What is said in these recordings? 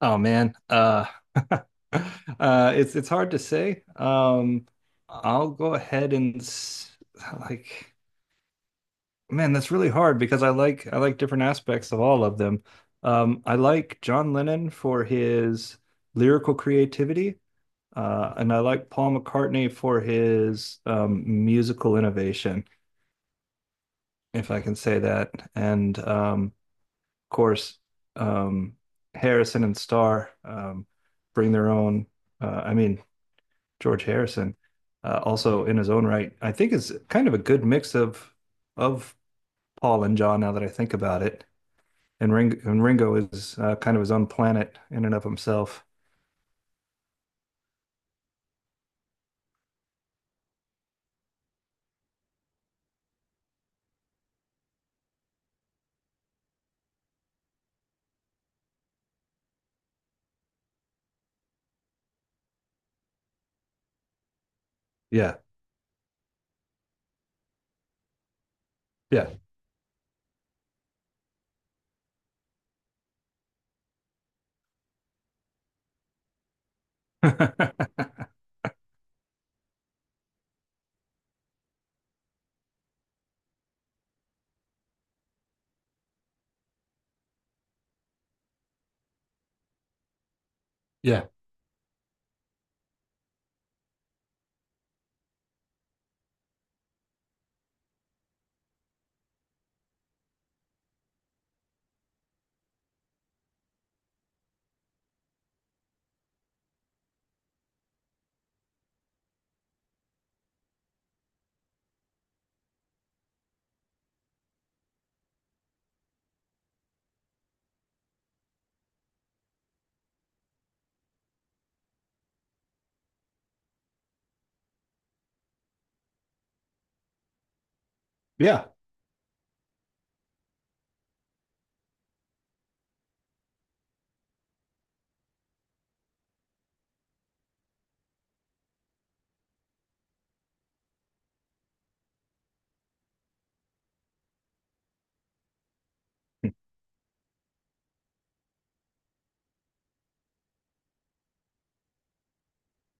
Oh man, it's hard to say. I'll go ahead and s- like, man, that's really hard because I like different aspects of all of them. I like John Lennon for his lyrical creativity, and I like Paul McCartney for his musical innovation, if I can say that. And of course, um, Harrison and Starr bring their own. Uh, I mean. George Harrison, also in his own right, I think is kind of a good mix of of Paul and John. Now that I think about it, and Ringo is kind of his own planet in and of himself. Yeah, yeah, yeah, yeah.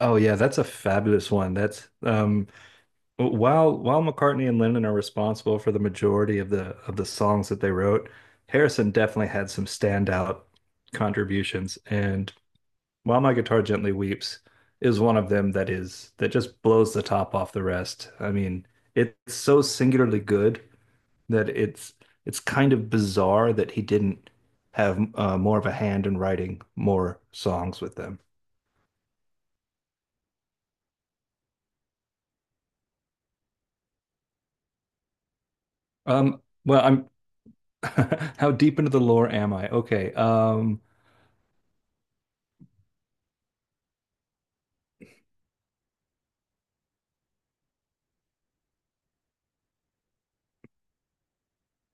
Oh yeah, that's a fabulous one. That's While McCartney and Lennon are responsible for the majority of the songs that they wrote, Harrison definitely had some standout contributions, and While My Guitar Gently Weeps is one of them that just blows the top off the rest. I mean, it's so singularly good that it's kind of bizarre that he didn't have more of a hand in writing more songs with them. Well, I'm how deep into the lore am I? Okay. Um,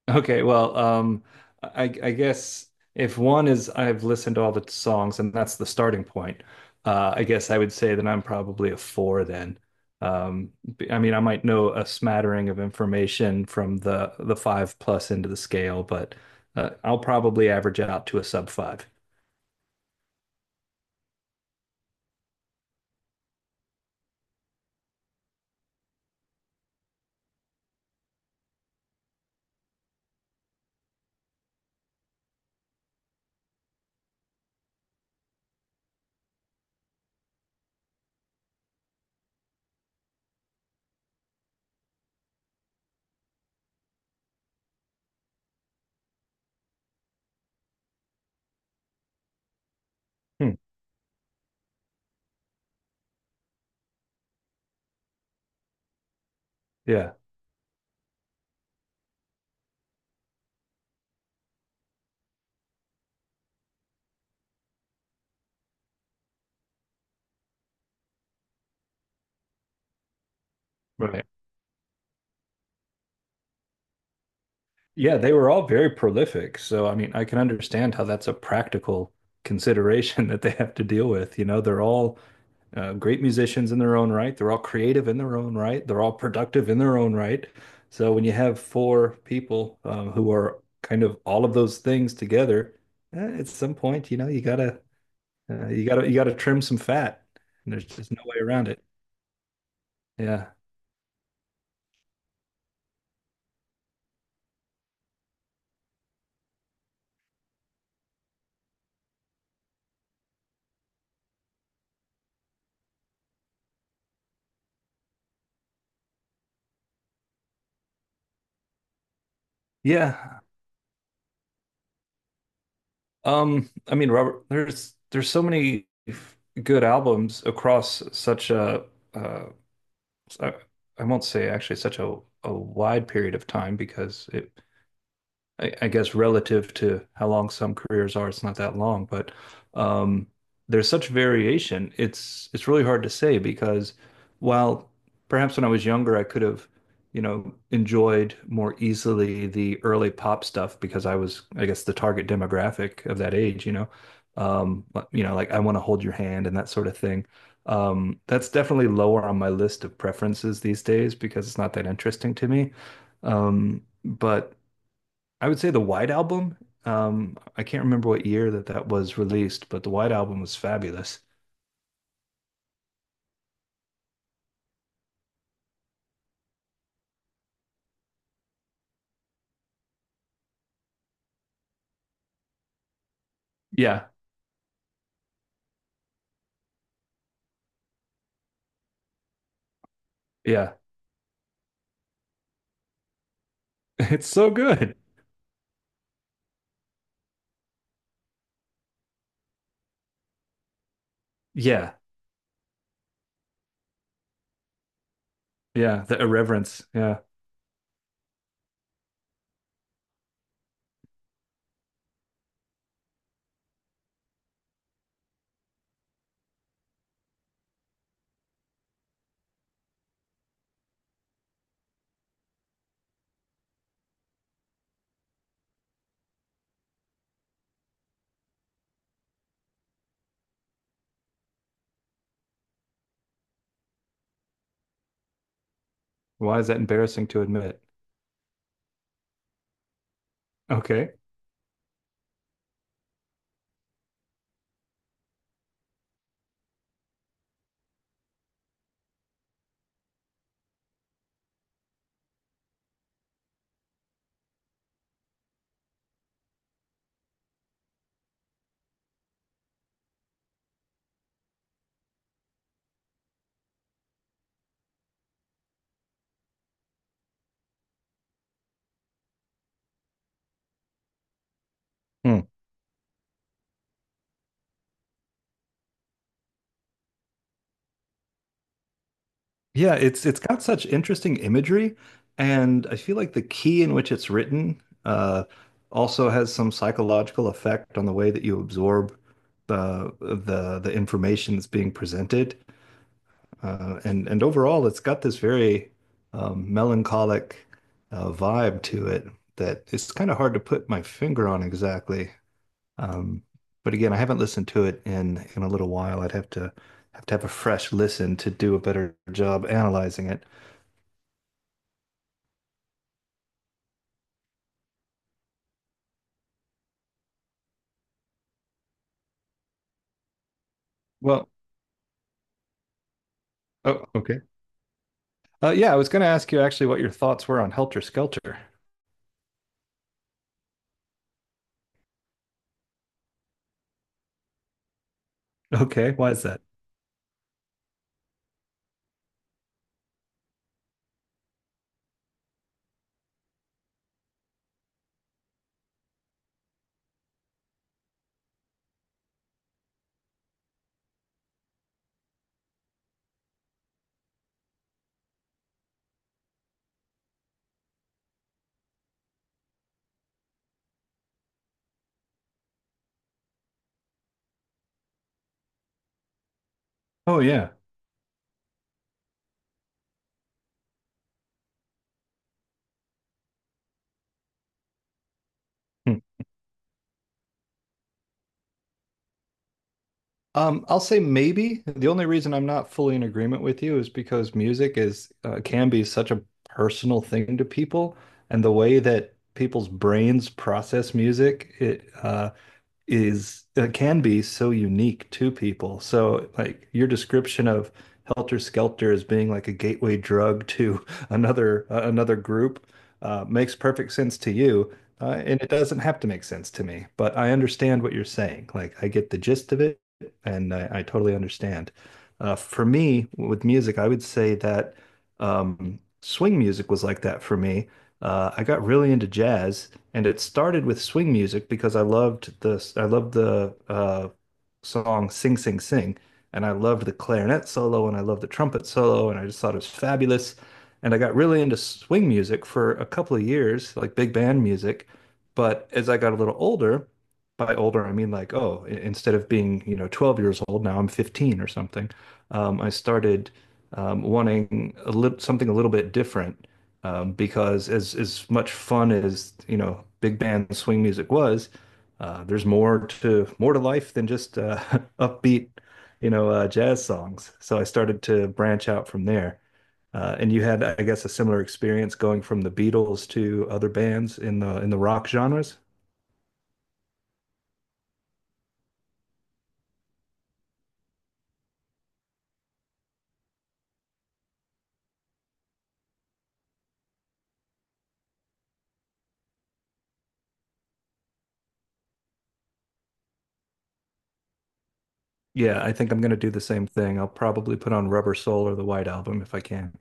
Okay, well, um, I guess if one is I've listened to all the songs and that's the starting point, I guess I would say that I'm probably a four then. I mean, I might know a smattering of information from the five plus into the scale, but I'll probably average out to a sub five. Hmm. Yeah, right. Right. Yeah, they were all very prolific, so I mean, I can understand how that's a practical consideration that they have to deal with. You know, they're all great musicians in their own right. They're all creative in their own right. They're all productive in their own right. So when you have four people who are kind of all of those things together, at some point, you know, you gotta you gotta trim some fat. And there's just no way around it. Yeah. Yeah. I mean, Robert, there's so many good albums across such a uh, I I won't say actually such a wide period of time because I guess relative to how long some careers are, it's not that long, but um, there's such variation. It's really hard to say because while perhaps when I was younger, I could have, you know, enjoyed more easily the early pop stuff because I was, I guess, the target demographic of that age, you know, but, you know, like I want to hold your hand and that sort of thing. That's definitely lower on my list of preferences these days because it's not that interesting to me. But I would say the White Album. I can't remember what year that was released, but the White Album was fabulous. Yeah, yeah. It's so good. Yeah, yeah. The irreverence. Yeah. Why is that embarrassing to admit? Okay. Hmm. Yeah, it's got such interesting imagery, and I feel like the key in which it's written also has some psychological effect on the way that you absorb the information that's being presented. And overall, it's got this very melancholic vibe to it that it's kind of hard to put my finger on exactly. Um, but again, I haven't listened to it in a little while. I'd have to have a fresh listen to do a better job analyzing it. Well, oh, okay. Yeah, I was going to ask you actually what your thoughts were on Helter Skelter. Okay, why is that? Oh, yeah. Hmm. I'll say maybe. The only reason I'm not fully in agreement with you is because music is can be such a personal thing to people, and the way that people's brains process music, it is can be so unique to people. So like your description of Helter Skelter as being like a gateway drug to another another group makes perfect sense to you, and it doesn't have to make sense to me. But I understand what you're saying. Like I get the gist of it, and I totally understand. For me, with music, I would say that swing music was like that for me. I got really into jazz, and it started with swing music because I loved the song Sing Sing Sing. And I loved the clarinet solo and I loved the trumpet solo and I just thought it was fabulous. And I got really into swing music for a couple of years, like big band music. But as I got a little older, by older I mean like, instead of being, you know, 12 years old, now I'm 15 or something. I started wanting a little something a little bit different because as much fun as, you know, big band swing music was, there's more to life than just upbeat, you know, jazz songs. So I started to branch out from there. And you had, I guess, a similar experience going from the Beatles to other bands in the rock genres. Yeah, I think I'm going to do the same thing. I'll probably put on Rubber Soul or the White Album if I can.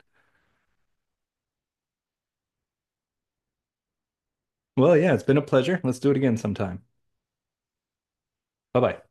Well, yeah, it's been a pleasure. Let's do it again sometime. Bye bye.